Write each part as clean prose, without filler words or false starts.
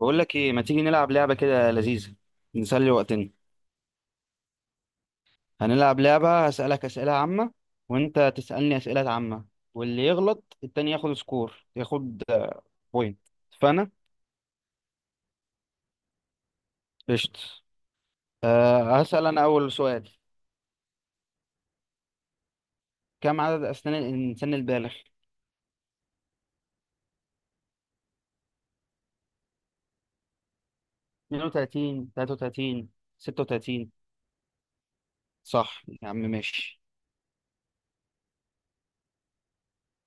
بقول لك ايه، ما تيجي نلعب لعبه كده لذيذه، نسلي وقتنا. هنلعب لعبه، هسالك اسئله عامه وانت تسالني اسئله عامه، واللي يغلط التاني ياخد سكور، ياخد بوينت. فانا قشط. هسال انا اول سؤال: كم عدد اسنان الانسان البالغ؟ 32، 33، 36؟ صح يا عم، ماشي.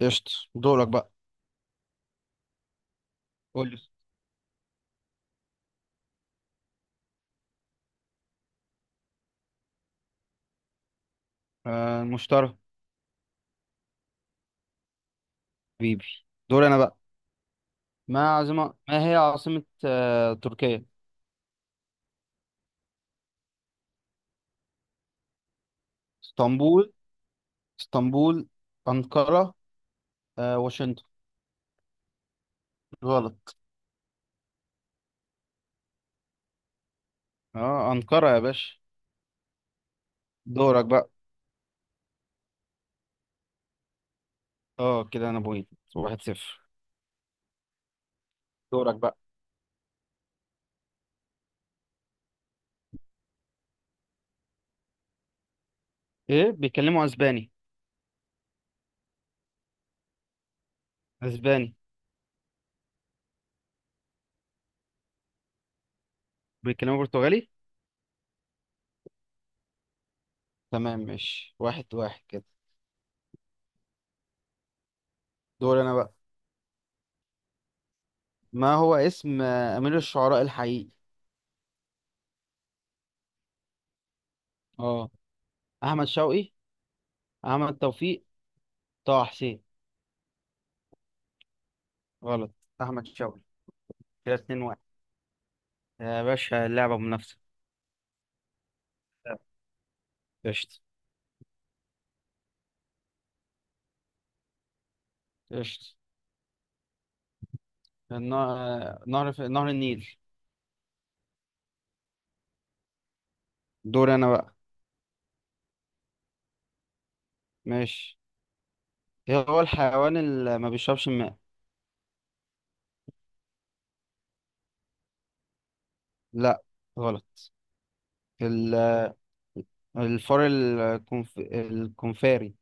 قشط، دورك بقى. قول لي. المشترى. حبيبي. دور انا بقى. ما هي عاصمه تركيا؟ اسطنبول اسطنبول، أنقرة، واشنطن. غلط. اه أنقرة يا باشا. دورك بقى. اه كده انا بوينت، واحد صفر. دورك بقى. ايه، بيتكلموا اسباني؟ اسباني. بيتكلموا برتغالي. تمام ماشي، واحد واحد كده. دور انا بقى. ما هو اسم امير الشعراء الحقيقي؟ اه احمد شوقي، احمد توفيق، طه حسين؟ غلط. احمد شوقي. كده اتنين واحد يا باشا، اللعبة منافسة. قشطة. قشطة. النا- نهر النيل. دور انا بقى، ماشي. إيه هو الحيوان اللي ما بيشربش الماء؟ لا، غلط. ال- الفار، الكونفاري.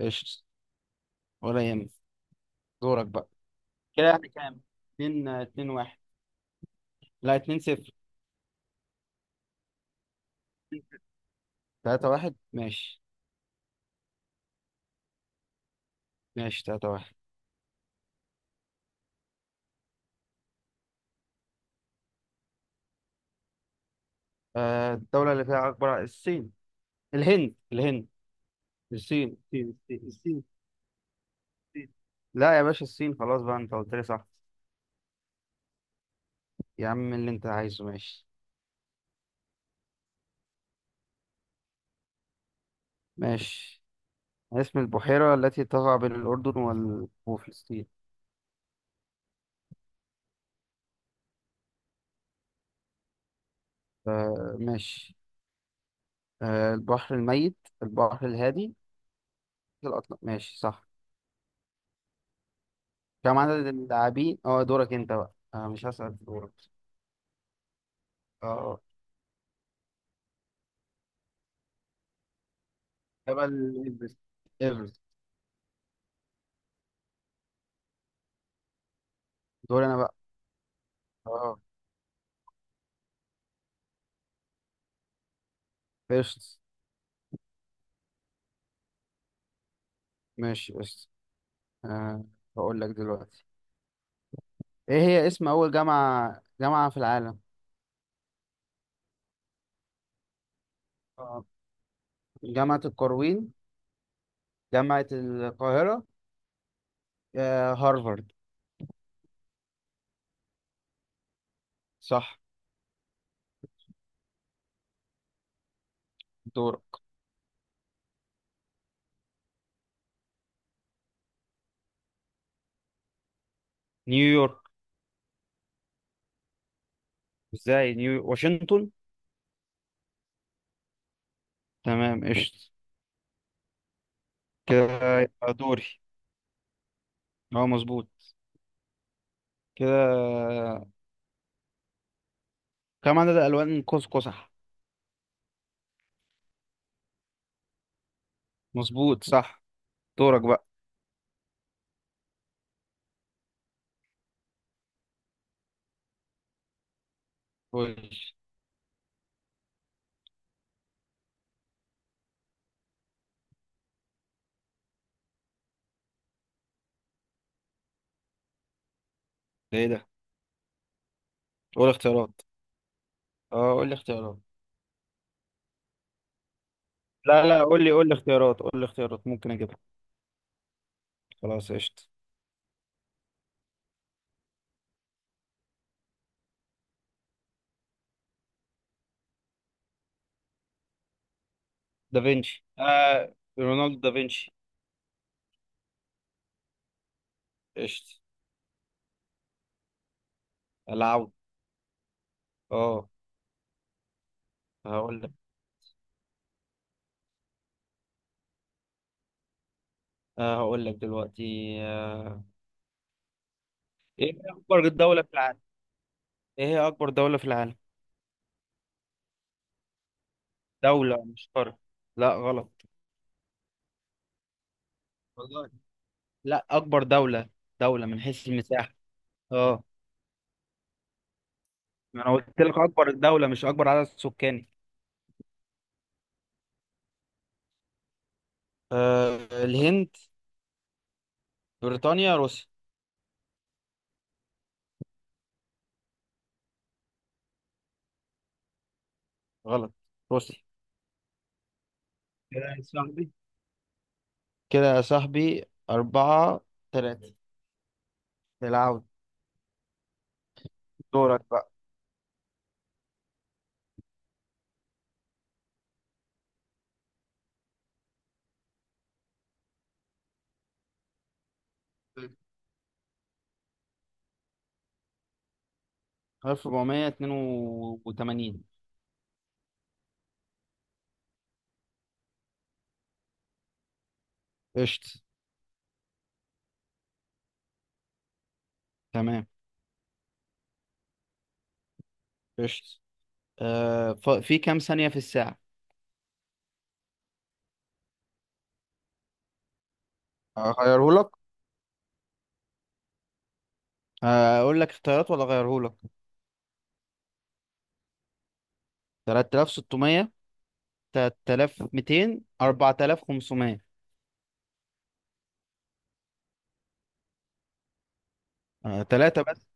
ايش، ولا يهمك. دورك بقى. كده احنا كام؟ اتنين واحد. لا، اتنين صفر. تلاتة واحد ماشي. ماشي، تلاتة واحد. آه، الدولة اللي فيها أكبر، الصين. الهند. الصين، الصين، الصين، الصين. الصين. لا يا باشا، الصين خلاص بقى، أنت قلت لي صح. يا عم اللي أنت عايزه، ماشي. ماشي. اسم البحيرة التي تقع بين الأردن وفلسطين؟ آه ماشي. آه، البحر الميت، البحر الهادي، الأطلس؟ ماشي صح. كم عدد اللاعبين، دورك انت بقى. مش هسأل في دورك. اه آه. جبل إيفرست. إيفرست دوري انا بقى. اه قشط، ماشي قشط. آه بقول لك دلوقتي، ايه هي اسم أول جامعة في العالم؟ آه. جامعة القرويين، جامعة القاهرة، هارفارد؟ صح. دورك. نيويورك. ازاي، نيو واشنطن. تمام قشطة. كده. يبقى دوري. اه مظبوط. كده كم عدد الوان قوس قزح؟ مظبوط صح. دورك بقى. قول لي. ده ايه ده؟ قول اختيارات. اه قول لي اختيارات. لا لا، قول لي اختيارات، ممكن اجيبها. خلاص قشطة. دافنشي، آه رونالدو دافنشي. قشطة. العود. اه هقول لك. دلوقتي. آه. ايه هي اكبر دولة في العالم؟ ايه هي اكبر دولة في العالم؟ دولة مش قارة. لا غلط. والله. لا، اكبر دولة. دولة من حيث المساحة. اه. ما انا قلت لك اكبر دولة مش اكبر عدد سكاني. آه، الهند، بريطانيا، روسيا؟ غلط، روسيا. كده يا صاحبي، كده يا صاحبي، أربعة. تلاتة. العود. دورك بقى. 1482. قشط. تمام قشط. في كام ثانية في الساعة؟ أغيرهولك؟ أقول لك اختيارات ولا أغيرهولك؟ 3600، 3200، 4500؟ تلاتة بس.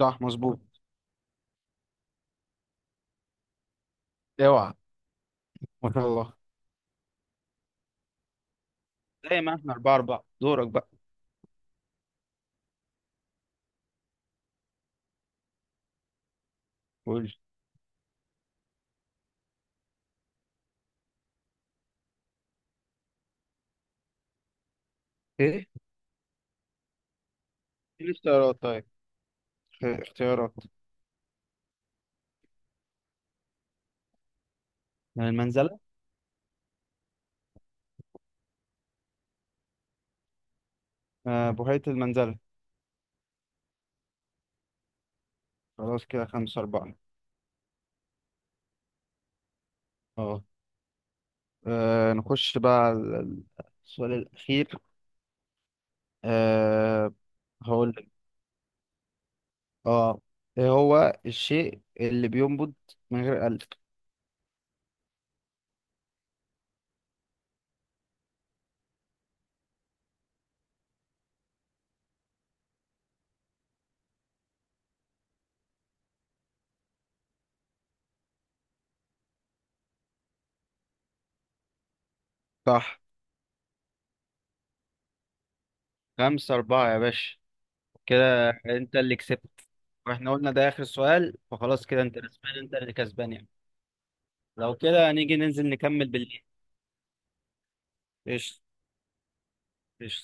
صح مظبوط. اوعى. ما شاء الله. زي ما احنا أربعة أربعة، دورك بقى. قول. إيه؟ إيه الاختيارات طيب؟ اختيارات. المنزلة. آه، بحيرة المنزلة. خلاص كده خمسة أربعة. اه. آه، نخش بقى على ال- السؤال الأخير. أه هقول لك. اه. ايه هو الشيء اللي بينبض من غير قلب؟ صح. خمسة أربعة يا باشا. كده أنت اللي كسبت. واحنا قلنا ده اخر سؤال، فخلاص كده انت كسبان، انت اللي كسبان يعني. لو كده نيجي ننزل نكمل بالليل. قشطة. قشطة.